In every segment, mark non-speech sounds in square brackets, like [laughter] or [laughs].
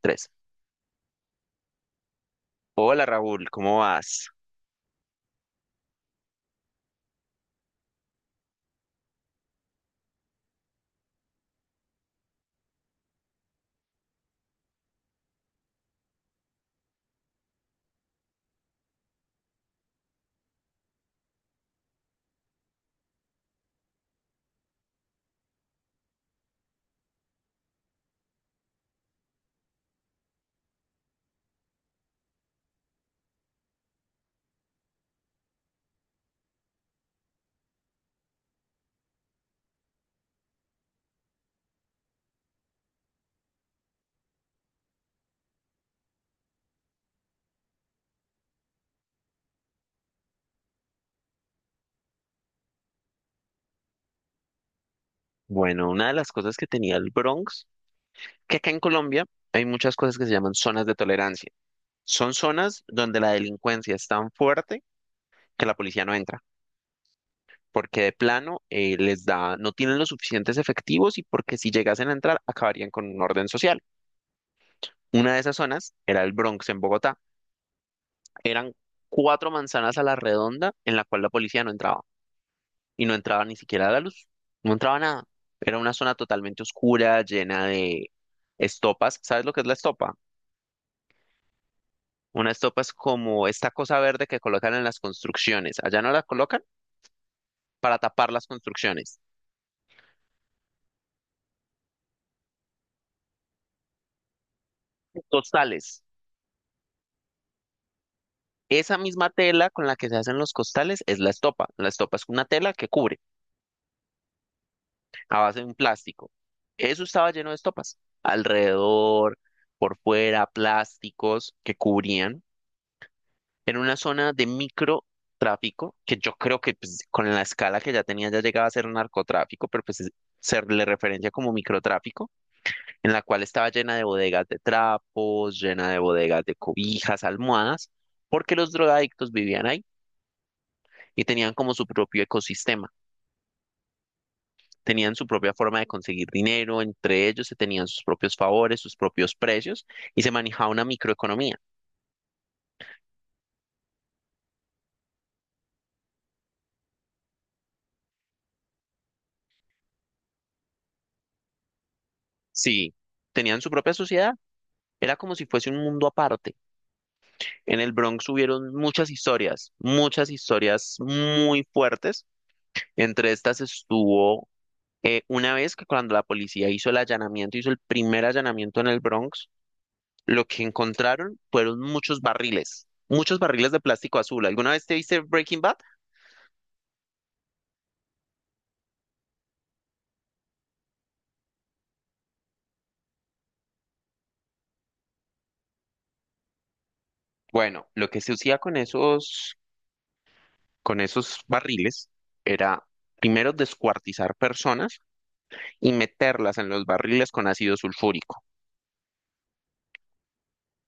Tres. Hola Raúl, ¿cómo vas? Bueno, una de las cosas que tenía el Bronx, que acá en Colombia hay muchas cosas que se llaman zonas de tolerancia. Son zonas donde la delincuencia es tan fuerte que la policía no entra, porque de plano les da, no tienen los suficientes efectivos y porque si llegasen a entrar acabarían con un orden social. Una de esas zonas era el Bronx en Bogotá. Eran cuatro manzanas a la redonda en la cual la policía no entraba. Y no entraba ni siquiera la luz, no entraba nada. Era una zona totalmente oscura, llena de estopas. ¿Sabes lo que es la estopa? Una estopa es como esta cosa verde que colocan en las construcciones. Allá no la colocan para tapar las construcciones. Costales. Esa misma tela con la que se hacen los costales es la estopa. La estopa es una tela que cubre a base de un plástico. Eso estaba lleno de estopas. Alrededor, por fuera, plásticos que cubrían. En una zona de microtráfico, que yo creo que pues, con la escala que ya tenía ya llegaba a ser narcotráfico, pero pues se le referencia como microtráfico, en la cual estaba llena de bodegas de trapos, llena de bodegas de cobijas, almohadas, porque los drogadictos vivían ahí y tenían como su propio ecosistema, tenían su propia forma de conseguir dinero, entre ellos se tenían sus propios favores, sus propios precios y se manejaba una microeconomía. Sí, tenían su propia sociedad, era como si fuese un mundo aparte. En el Bronx hubieron muchas historias muy fuertes. Entre estas estuvo una vez que cuando la policía hizo el allanamiento, hizo el primer allanamiento en el Bronx, lo que encontraron fueron muchos barriles de plástico azul. ¿Alguna vez te viste Breaking Bad? Bueno, lo que se hacía con esos barriles era primero descuartizar personas y meterlas en los barriles con ácido sulfúrico.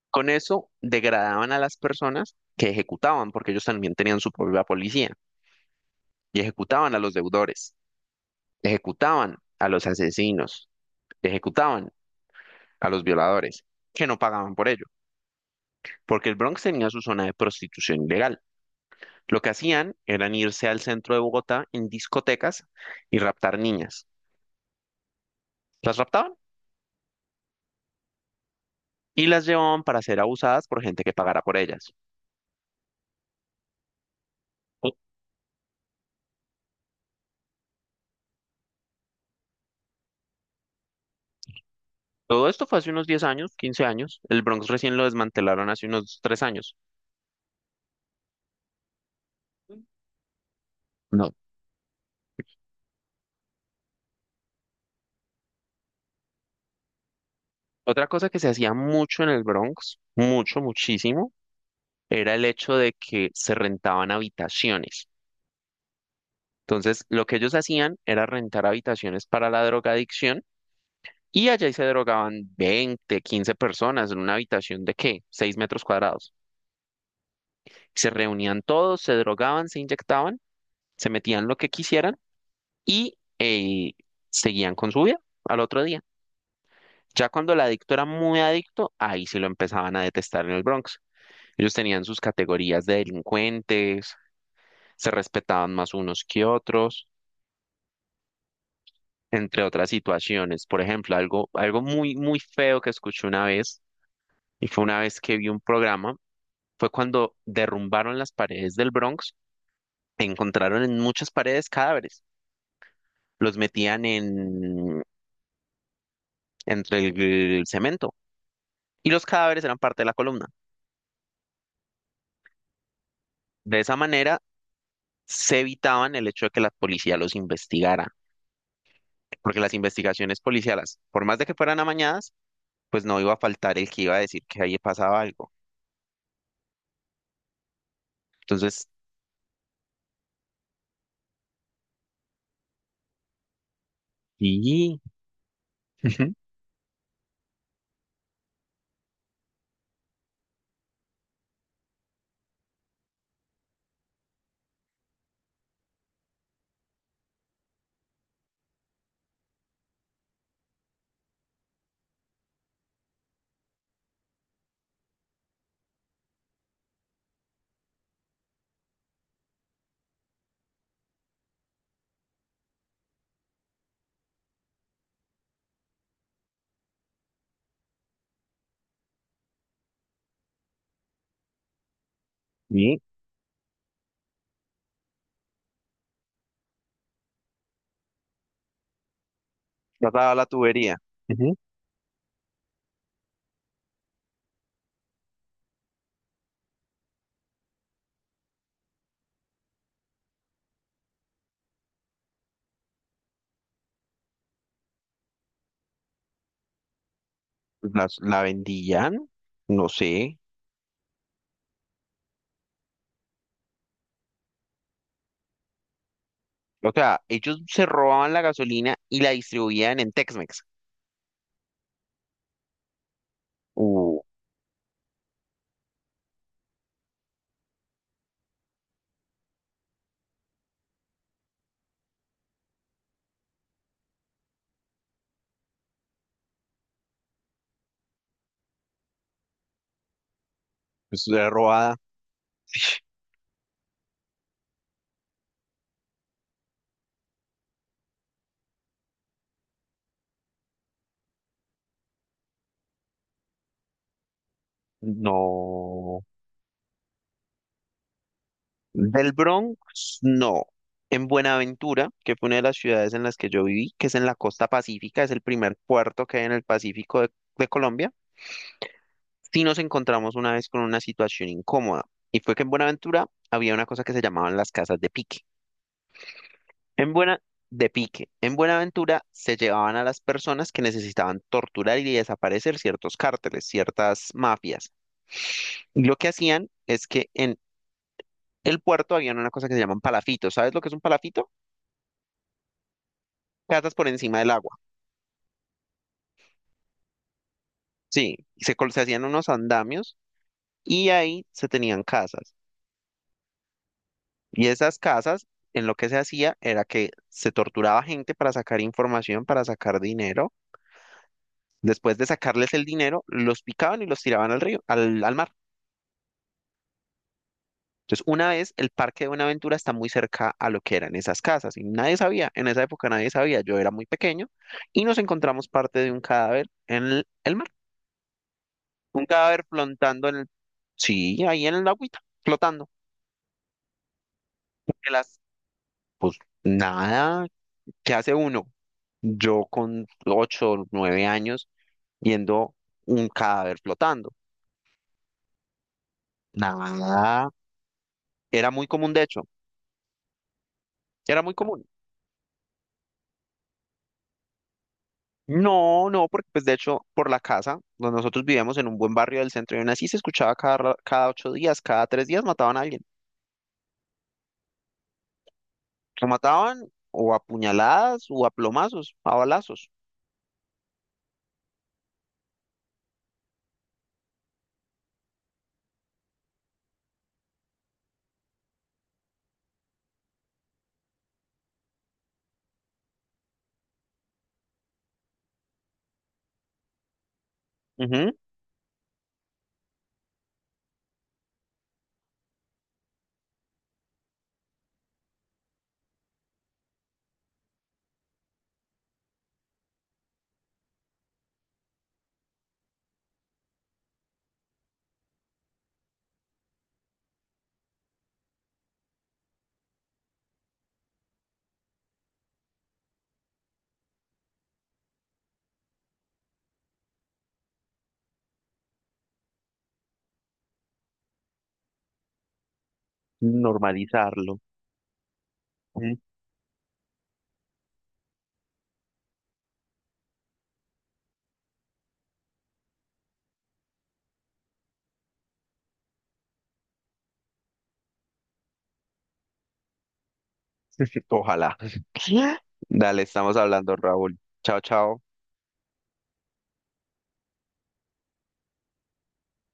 Con eso degradaban a las personas que ejecutaban, porque ellos también tenían su propia policía, y ejecutaban a los deudores, ejecutaban a los asesinos, ejecutaban a los violadores, que no pagaban por ello, porque el Bronx tenía su zona de prostitución ilegal. Lo que hacían eran irse al centro de Bogotá en discotecas y raptar niñas. Las raptaban y las llevaban para ser abusadas por gente que pagara por ellas. Todo esto fue hace unos 10 años, 15 años. El Bronx recién lo desmantelaron hace unos 3 años. No. Otra cosa que se hacía mucho en el Bronx, mucho, muchísimo, era el hecho de que se rentaban habitaciones. Entonces, lo que ellos hacían era rentar habitaciones para la drogadicción y allá ahí se drogaban 20, 15 personas en una habitación de ¿qué? 6 metros cuadrados. Se reunían todos, se drogaban, se inyectaban, se metían lo que quisieran y seguían con su vida al otro día. Ya cuando el adicto era muy adicto, ahí sí lo empezaban a detestar en el Bronx. Ellos tenían sus categorías de delincuentes, se respetaban más unos que otros, entre otras situaciones. Por ejemplo, algo, algo muy, muy feo que escuché una vez, y fue una vez que vi un programa, fue cuando derrumbaron las paredes del Bronx, encontraron en muchas paredes cadáveres, los metían entre el cemento, y los cadáveres eran parte de la columna. De esa manera se evitaban el hecho de que la policía los investigara, porque las investigaciones policiales, por más de que fueran amañadas, pues no iba a faltar el que iba a decir que ahí pasaba algo. Entonces, sí. Ujú, sí, pasaba la tubería. Ujú. La vendían, no sé. O sea, ellos se robaban la gasolina y la distribuían en Tex-Mex. Uh, pues era robada. No. Del Bronx, no. En Buenaventura, que fue una de las ciudades en las que yo viví, que es en la costa pacífica, es el primer puerto que hay en el Pacífico de Colombia. Sí nos encontramos una vez con una situación incómoda, y fue que en Buenaventura había una cosa que se llamaban las casas de pique. En Buena, de pique. En Buenaventura se llevaban a las personas que necesitaban torturar y desaparecer ciertos cárteles, ciertas mafias. Y lo que hacían es que en el puerto habían una cosa que se llaman palafitos. ¿Sabes lo que es un palafito? Casas por encima del agua. Sí, y se hacían unos andamios y ahí se tenían casas. Y esas casas, en lo que se hacía era que se torturaba gente para sacar información, para sacar dinero. Después de sacarles el dinero, los picaban y los tiraban al río, al mar. Entonces, una vez el parque de Buenaventura está muy cerca a lo que eran esas casas y nadie sabía, en esa época nadie sabía, yo era muy pequeño y nos encontramos parte de un cadáver en el mar, un cadáver flotando. Sí, ahí en el agüita, flotando, porque las, pues nada, ¿qué hace uno? Yo con 8 o 9 años viendo un cadáver flotando. Nada, era muy común, de hecho, era muy común. No, no, porque pues de hecho por la casa, donde nosotros vivíamos en un buen barrio del centro y aún así se escuchaba cada 8 días, cada 3 días mataban a alguien. Lo mataban o a puñaladas o a plomazos, a balazos. Ujú. Normalizarlo. Mm. Ojalá. [laughs] Dale, estamos hablando, Raúl. Chao, chao.